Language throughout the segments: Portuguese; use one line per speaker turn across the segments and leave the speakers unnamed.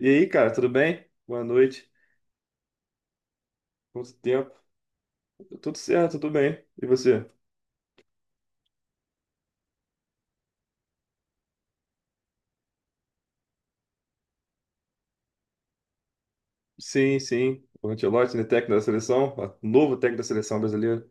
E aí, cara, tudo bem? Boa noite. Quanto tempo? Tudo certo, tudo bem. E você? Sim, sim. O Ancelotti, né, técnico da seleção, ó, novo técnico da seleção brasileira.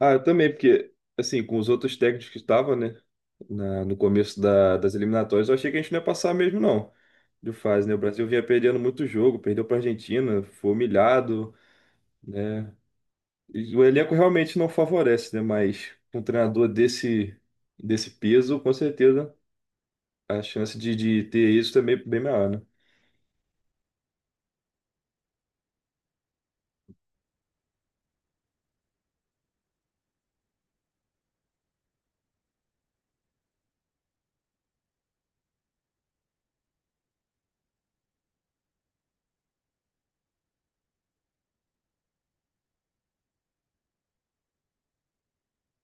Ah, eu também, porque, assim, com os outros técnicos que estavam, né, no começo das eliminatórias, eu achei que a gente não ia passar mesmo, não, de fase, né? O Brasil vinha perdendo muito jogo, perdeu para a Argentina, foi humilhado, né? E o elenco realmente não favorece, né? Mas um treinador desse, desse peso, com certeza. A chance de ter isso também é bem maior, né?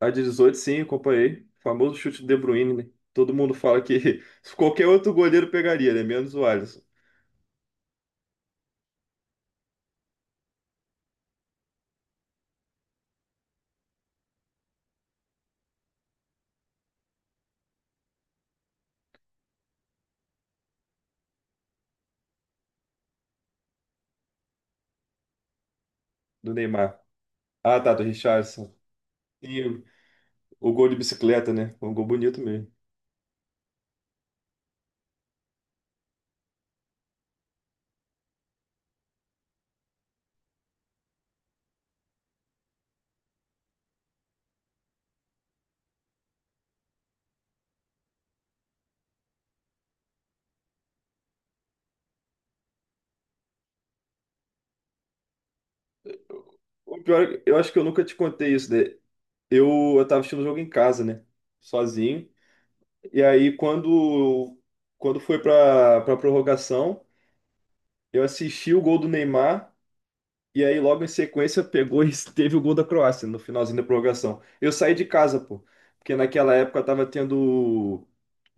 A de 18, sim, acompanhei. O famoso chute do De Bruyne, né? Todo mundo fala que qualquer outro goleiro pegaria, né? Menos o Alisson, do Neymar. Ah, tá, do Richarlison. E o gol de bicicleta, né? Um gol bonito mesmo. O pior é que eu acho que eu nunca te contei isso, né? Eu tava assistindo o jogo em casa, né? Sozinho. E aí, quando, quando foi pra, pra prorrogação, eu assisti o gol do Neymar. E aí, logo em sequência, pegou e teve o gol da Croácia no finalzinho da prorrogação. Eu saí de casa, pô, porque naquela época tava tendo o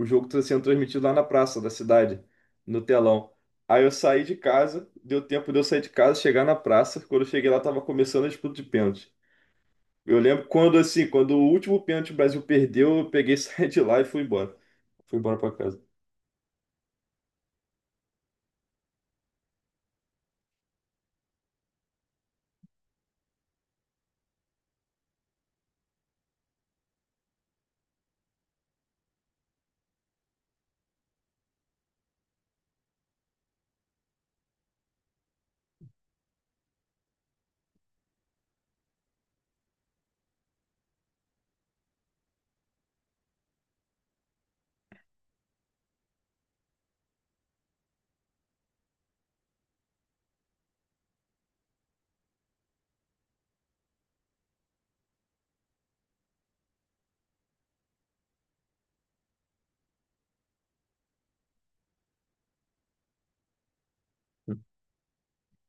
jogo tá sendo transmitido lá na praça da cidade, no telão. Aí eu saí de casa, deu tempo de eu sair de casa, chegar na praça. Quando eu cheguei lá, tava começando a disputa de pênalti. Eu lembro quando, assim, quando o último pênalti o Brasil perdeu, eu peguei, saí de lá e fui embora. Fui embora pra casa.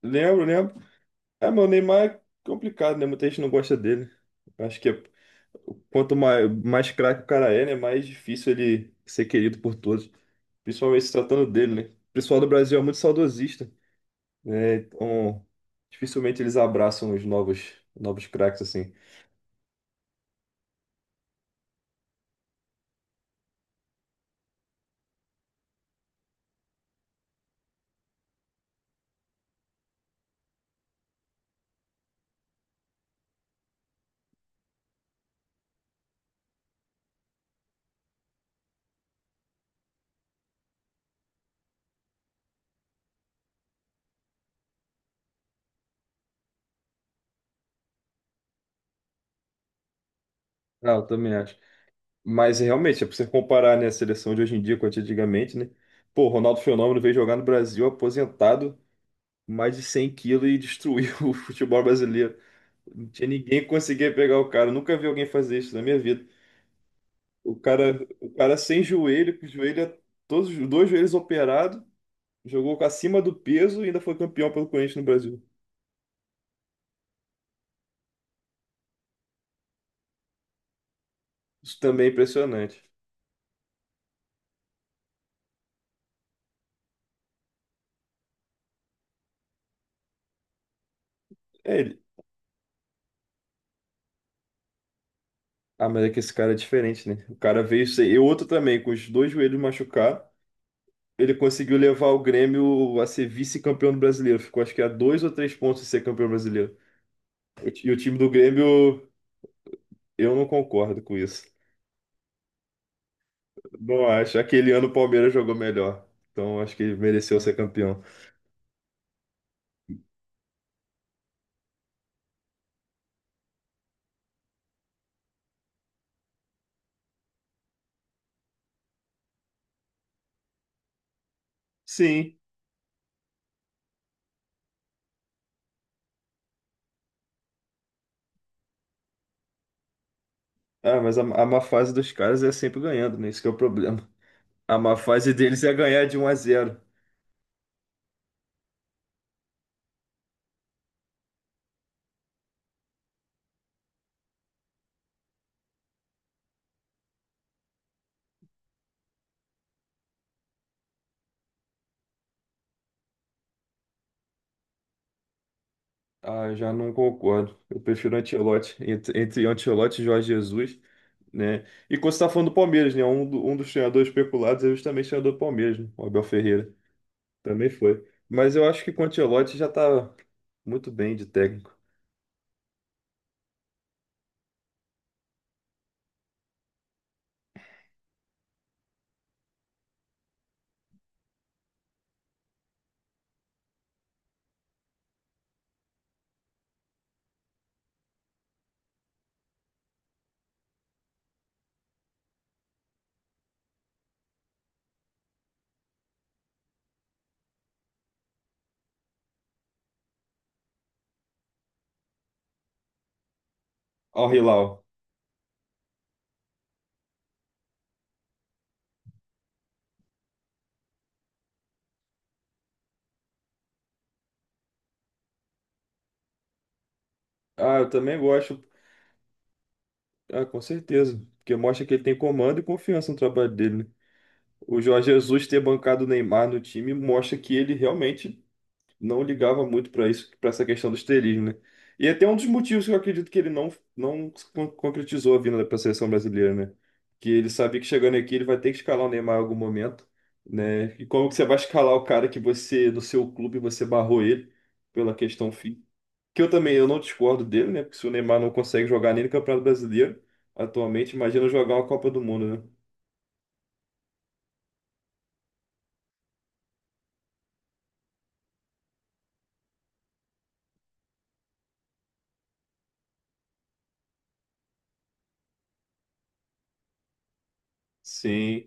Lembro, lembro. É, meu, o Neymar é complicado, né? Muita gente não gosta dele. Acho que é. Quanto mais, mais craque o cara é, né? Mais difícil ele ser querido por todos. Principalmente se tratando dele, né? O pessoal do Brasil é muito saudosista, né? Então, dificilmente eles abraçam os novos, novos craques assim. Ah, eu também acho. Mas realmente, é pra você comparar, né, a seleção de hoje em dia com a de antigamente, né? Pô, o Ronaldo Fenômeno veio jogar no Brasil aposentado, mais de 100 quilos e destruiu o futebol brasileiro. Não tinha ninguém que conseguia pegar o cara. Nunca vi alguém fazer isso na minha vida. O cara sem joelho, com o joelho, todos os dois joelhos operados, jogou com acima do peso e ainda foi campeão pelo Corinthians no Brasil. Isso também é impressionante. É ele. Ah, mas é que esse cara é diferente, né? O cara veio ser. E outro também, com os dois joelhos machucados, ele conseguiu levar o Grêmio a ser vice-campeão do brasileiro. Ficou acho que a dois ou três pontos de ser campeão brasileiro. E o time do Grêmio, eu não concordo com isso. Não acho. Aquele ano o Palmeiras jogou melhor. Então acho que ele mereceu ser campeão. Sim. Ah, mas a má fase dos caras é sempre ganhando, né? Isso que é o problema. A má fase deles é ganhar de um a zero. Ah, eu já não concordo. Eu prefiro Ancelotti. Entre, entre Ancelotti e Jorge Jesus, né? E quando você tá falando do Palmeiras, né? Um, um dos treinadores especulados é justamente o treinador do Palmeiras, né? O Abel Ferreira. Também foi. Mas eu acho que com o Ancelotti já tá muito bem de técnico. Ó, o Hilal. Ah, eu também gosto. Ah, com certeza. Porque mostra que ele tem comando e confiança no trabalho dele, né? O Jorge Jesus ter bancado o Neymar no time mostra que ele realmente não ligava muito para isso, para essa questão do estrelismo, né? E é até um dos motivos que eu acredito que ele não, concretizou a vinda para a seleção brasileira, né? Que ele sabia que chegando aqui ele vai ter que escalar o Neymar em algum momento, né? E como que você vai escalar o cara que você, no seu clube, você barrou ele pela questão fim? Que eu também eu não discordo dele, né? Porque se o Neymar não consegue jogar nem no Campeonato Brasileiro atualmente, imagina jogar uma Copa do Mundo, né? Sim,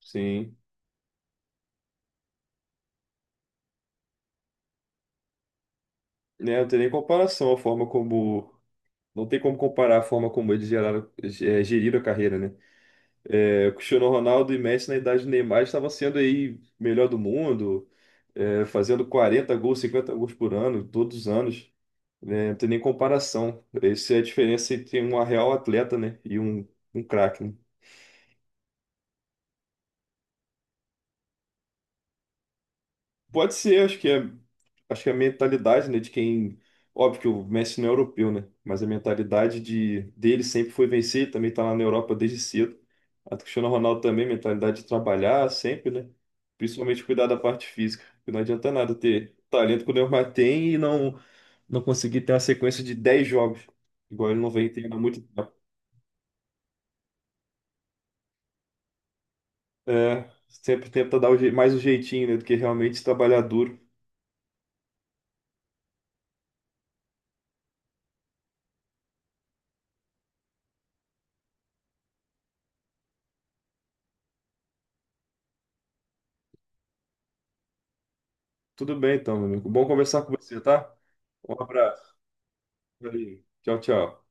sim. Né, não tem nem comparação a forma como. Não tem como comparar a forma como eles geraram, geriram a carreira, né? O Cristiano Ronaldo e Messi, na idade do Neymar, estavam sendo aí melhor do mundo, fazendo 40 gols, 50 gols por ano, todos os anos. Né? Não tem nem comparação. Essa é a diferença entre um real atleta, né, e um craque, né? Pode ser, acho que é a mentalidade, né, de quem, óbvio que o Messi não é europeu, né, mas a mentalidade de dele sempre foi vencer, ele também tá lá na Europa desde cedo. A do Cristiano Ronaldo também, mentalidade de trabalhar sempre, né? Principalmente cuidar da parte física, porque não adianta nada ter talento que o Neymar tem e não conseguir ter uma sequência de 10 jogos, igual ele não vem tendo há muito tempo. É, sempre tenta dar mais um jeitinho, né, do que realmente trabalhar duro. Tudo bem então, meu amigo. Bom conversar com você, tá? Um abraço. Valeu. Tchau, tchau.